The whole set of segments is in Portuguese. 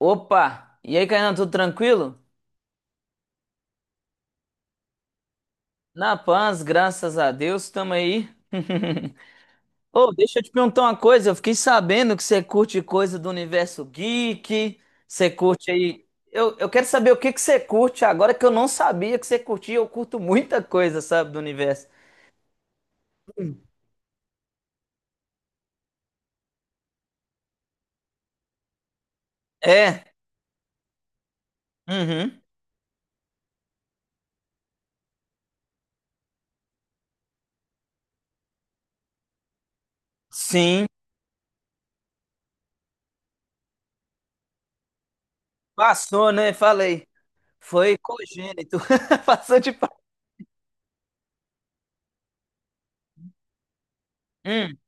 Opa! E aí, Kainan, tudo tranquilo? Na paz, graças a Deus, tamo aí. Ô, deixa eu te perguntar uma coisa. Eu fiquei sabendo que você curte coisa do universo geek. Você curte aí. Eu quero saber o que que você curte agora que eu não sabia que você curtia. Eu curto muita coisa, sabe, do universo. É. Uhum. Sim. Passou, né? Falei. Foi cogênito. Passou de. Hum.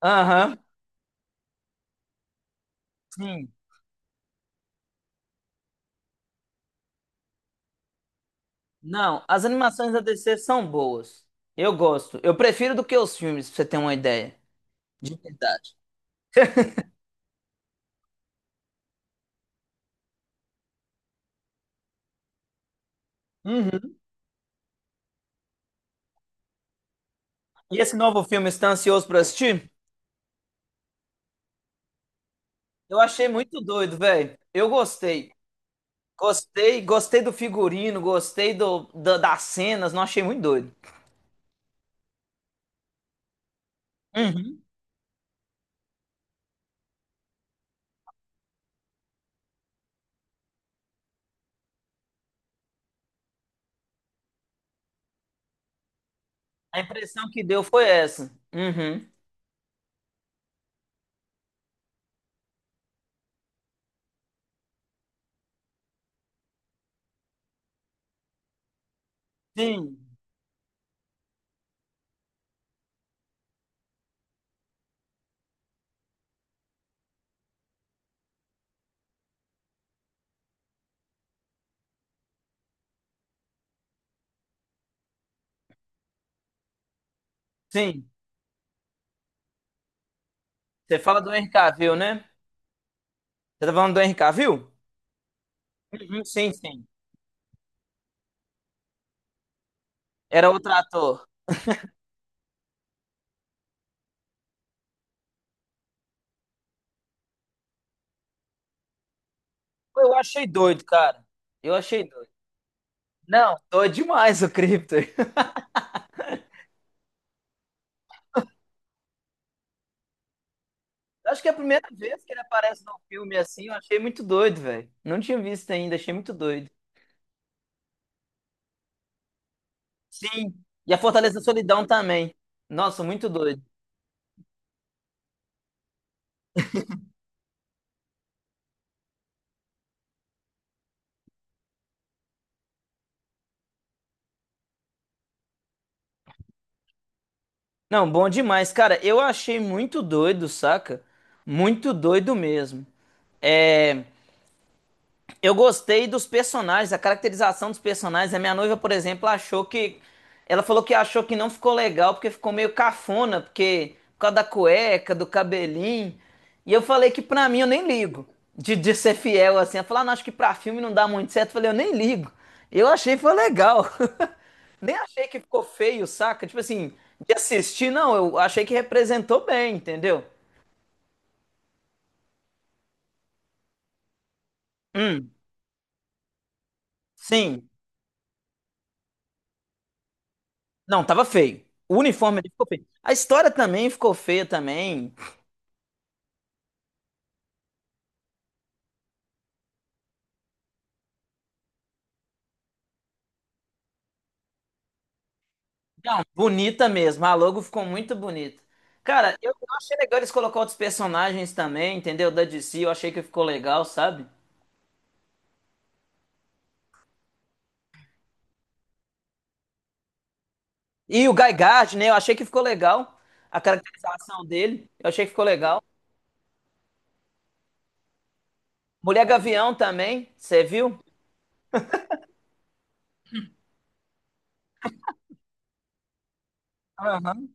Aham. Sim. Não, as animações da DC são boas. Eu gosto. Eu prefiro do que os filmes, pra você ter uma ideia. De verdade. Uhum. E esse novo filme, você tá ansioso pra assistir? Eu achei muito doido, velho. Eu gostei. Gostei, gostei do figurino, gostei das cenas, não achei muito doido. Uhum. A impressão que deu foi essa. Uhum. Sim, sim. Você fala do Henry Cavill, né? Você tá falando do Henry Cavill? Uhum, sim, sim. Era outro ator. Pô, eu achei doido, cara. Eu achei doido. Não, doido demais o Krypto. Acho que é a primeira vez que ele aparece num filme assim, eu achei muito doido, velho. Não tinha visto ainda, achei muito doido. Sim, e a Fortaleza da Solidão também. Nossa, muito doido. Não, bom demais, cara. Eu achei muito doido, saca? Muito doido mesmo. É, eu gostei dos personagens, a caracterização dos personagens. A minha noiva, por exemplo, achou que. Ela falou que achou que não ficou legal porque ficou meio cafona, porque por causa da cueca, do cabelinho. E eu falei que pra mim eu nem ligo de ser fiel assim. Ela falou, ah, não, acho que pra filme não dá muito certo. Eu falei, eu nem ligo. Eu achei que foi legal. Nem achei que ficou feio, saca? Tipo assim, de assistir, não, eu achei que representou bem, entendeu? Hum, sim. Não, tava feio. O uniforme ali ficou feio. A história também ficou feia também. Não, bonita mesmo. A logo ficou muito bonita. Cara, eu achei legal eles colocar outros personagens também, entendeu? Da DC, eu achei que ficou legal, sabe? E o Guy Gard, né? Eu achei que ficou legal. A caracterização dele, eu achei que ficou legal. Mulher Gavião também, você viu? Aham.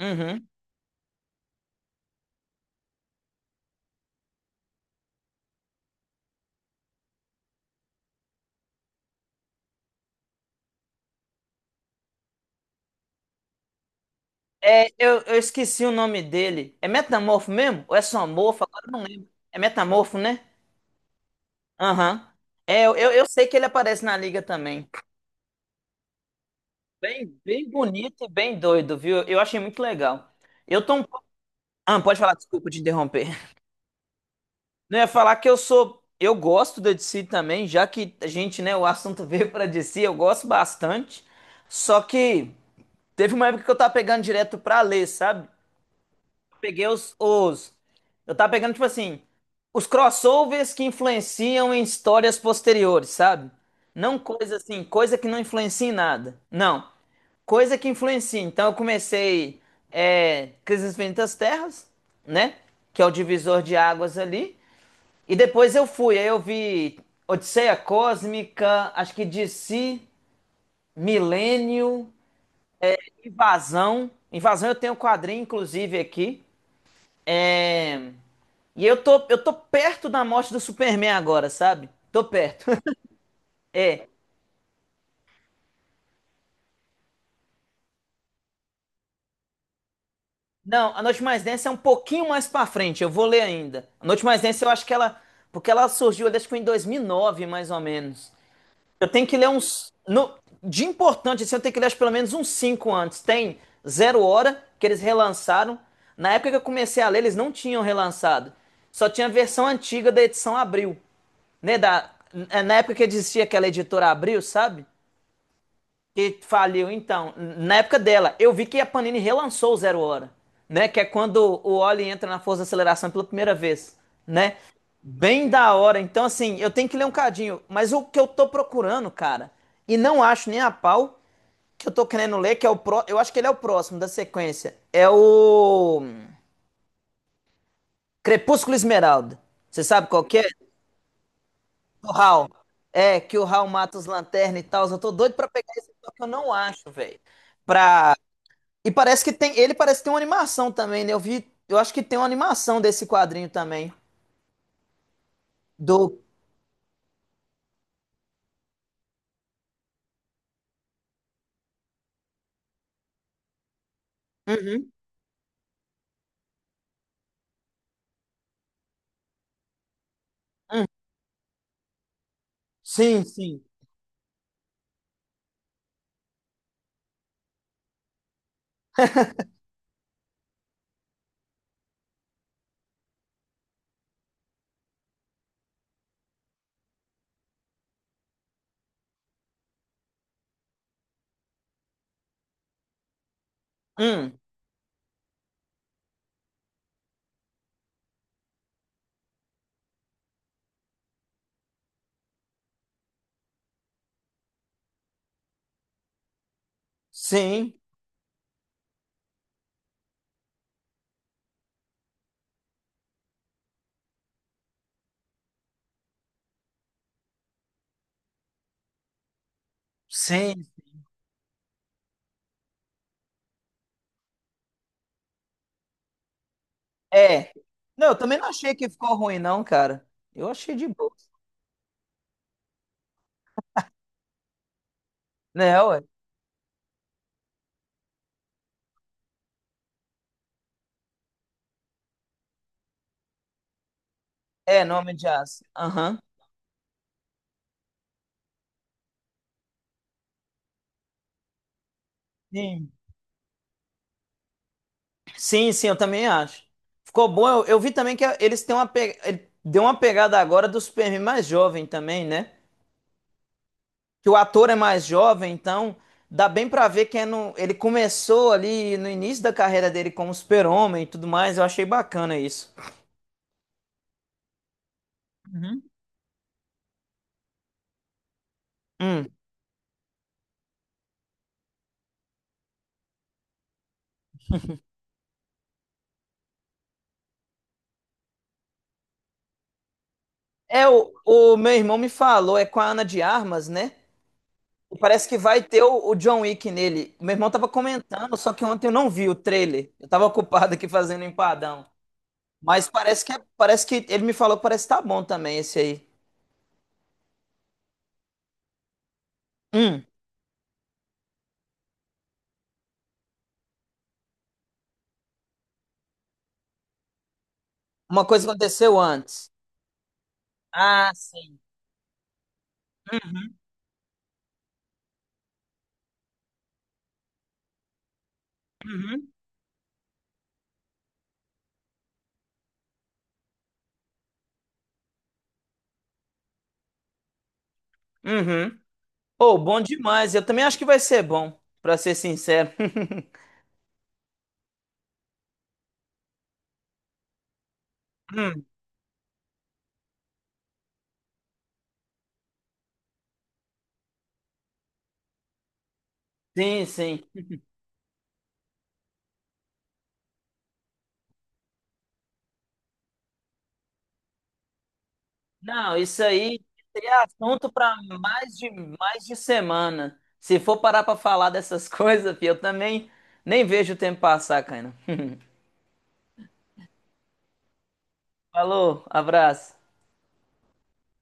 Uhum. É, eu esqueci o nome dele. É Metamorfo mesmo? Ou é Somorfo? Agora eu não lembro. É Metamorfo, né? Aham. É, eu sei que ele aparece na liga também. Bem, bem bonito e bem doido, viu? Eu achei muito legal. Eu tô um... pouco- Ah, pode falar, desculpa te interromper. Não, eu ia falar que eu sou. Eu gosto da DC também, já que a gente, né, o assunto veio pra DC, eu gosto bastante. Só que teve uma época que eu tava pegando direto pra ler, sabe? Peguei os. Eu tava pegando, tipo assim, os crossovers que influenciam em histórias posteriores, sabe? Não coisa assim, coisa que não influencia em nada. Não, coisa que influencia. Então eu comecei Crise nas Infinitas Terras, né? Que é o divisor de águas ali. E depois eu fui, aí eu vi Odisseia Cósmica, acho que DC, Milênio, Invasão. Invasão eu tenho um quadrinho, inclusive, aqui. É. E eu tô perto da morte do Superman agora, sabe? Tô perto. É. Não, A Noite Mais Densa é um pouquinho mais pra frente, eu vou ler ainda. A Noite Mais Densa eu acho que ela. Porque ela surgiu, eu acho que em 2009, mais ou menos. Eu tenho que ler uns. De importante, assim, eu tenho que ler acho, pelo menos uns 5 antes. Tem Zero Hora, que eles relançaram. Na época que eu comecei a ler, eles não tinham relançado. Só tinha a versão antiga da edição Abril, né, da, é na época que existia aquela editora Abril, sabe? Que faliu. Então, na época dela, eu vi que a Panini relançou o Zero Hora, né? Que é quando o Oli entra na força de aceleração pela primeira vez, né? Bem da hora. Então, assim, eu tenho que ler um cadinho. Mas o que eu tô procurando, cara, e não acho nem a pau, que eu tô querendo ler, que é o pró... Eu acho que ele é o próximo da sequência. É o Crepúsculo Esmeralda. Você sabe qual que é? Do Hal. É, que o Hal mata os lanternas e tal. Eu tô doido pra pegar esse, só que eu não acho, velho, pra. E parece que tem, ele parece que tem uma animação também, né? Eu vi, eu acho que tem uma animação desse quadrinho também. Do. Uhum, uhum. Sim, sim. Hum, sim, sim. É. Não, eu também não achei que ficou ruim, não, cara. Eu achei de boa. Né, ué? É, nome de aço. Aham. Sim. Sim, sim, eu também acho. Ficou bom. Eu vi também que eles têm uma pe... ele deu uma pegada agora do Superman mais jovem também, né? Que o ator é mais jovem, então dá bem pra ver que é ele começou ali no início da carreira dele como super-homem e tudo mais. Eu achei bacana isso. Uhum. Hum. É, o meu irmão me falou, é com a Ana de Armas, né? E parece que vai ter o John Wick nele. Meu irmão tava comentando, só que ontem eu não vi o trailer. Eu tava ocupado aqui fazendo empadão. Mas parece que é- parece que ele me falou que parece que tá bom também esse aí. Hum. Uma coisa aconteceu antes. Ah, sim. Uhum. Uhum. Oh, bom demais. Eu também acho que vai ser bom, pra ser sincero. Hum, sim, sim. Não, isso aí é assunto para mais de semana. Se for parar para falar dessas coisas, fi, eu também nem vejo o tempo passar, cara. Falou, abraço.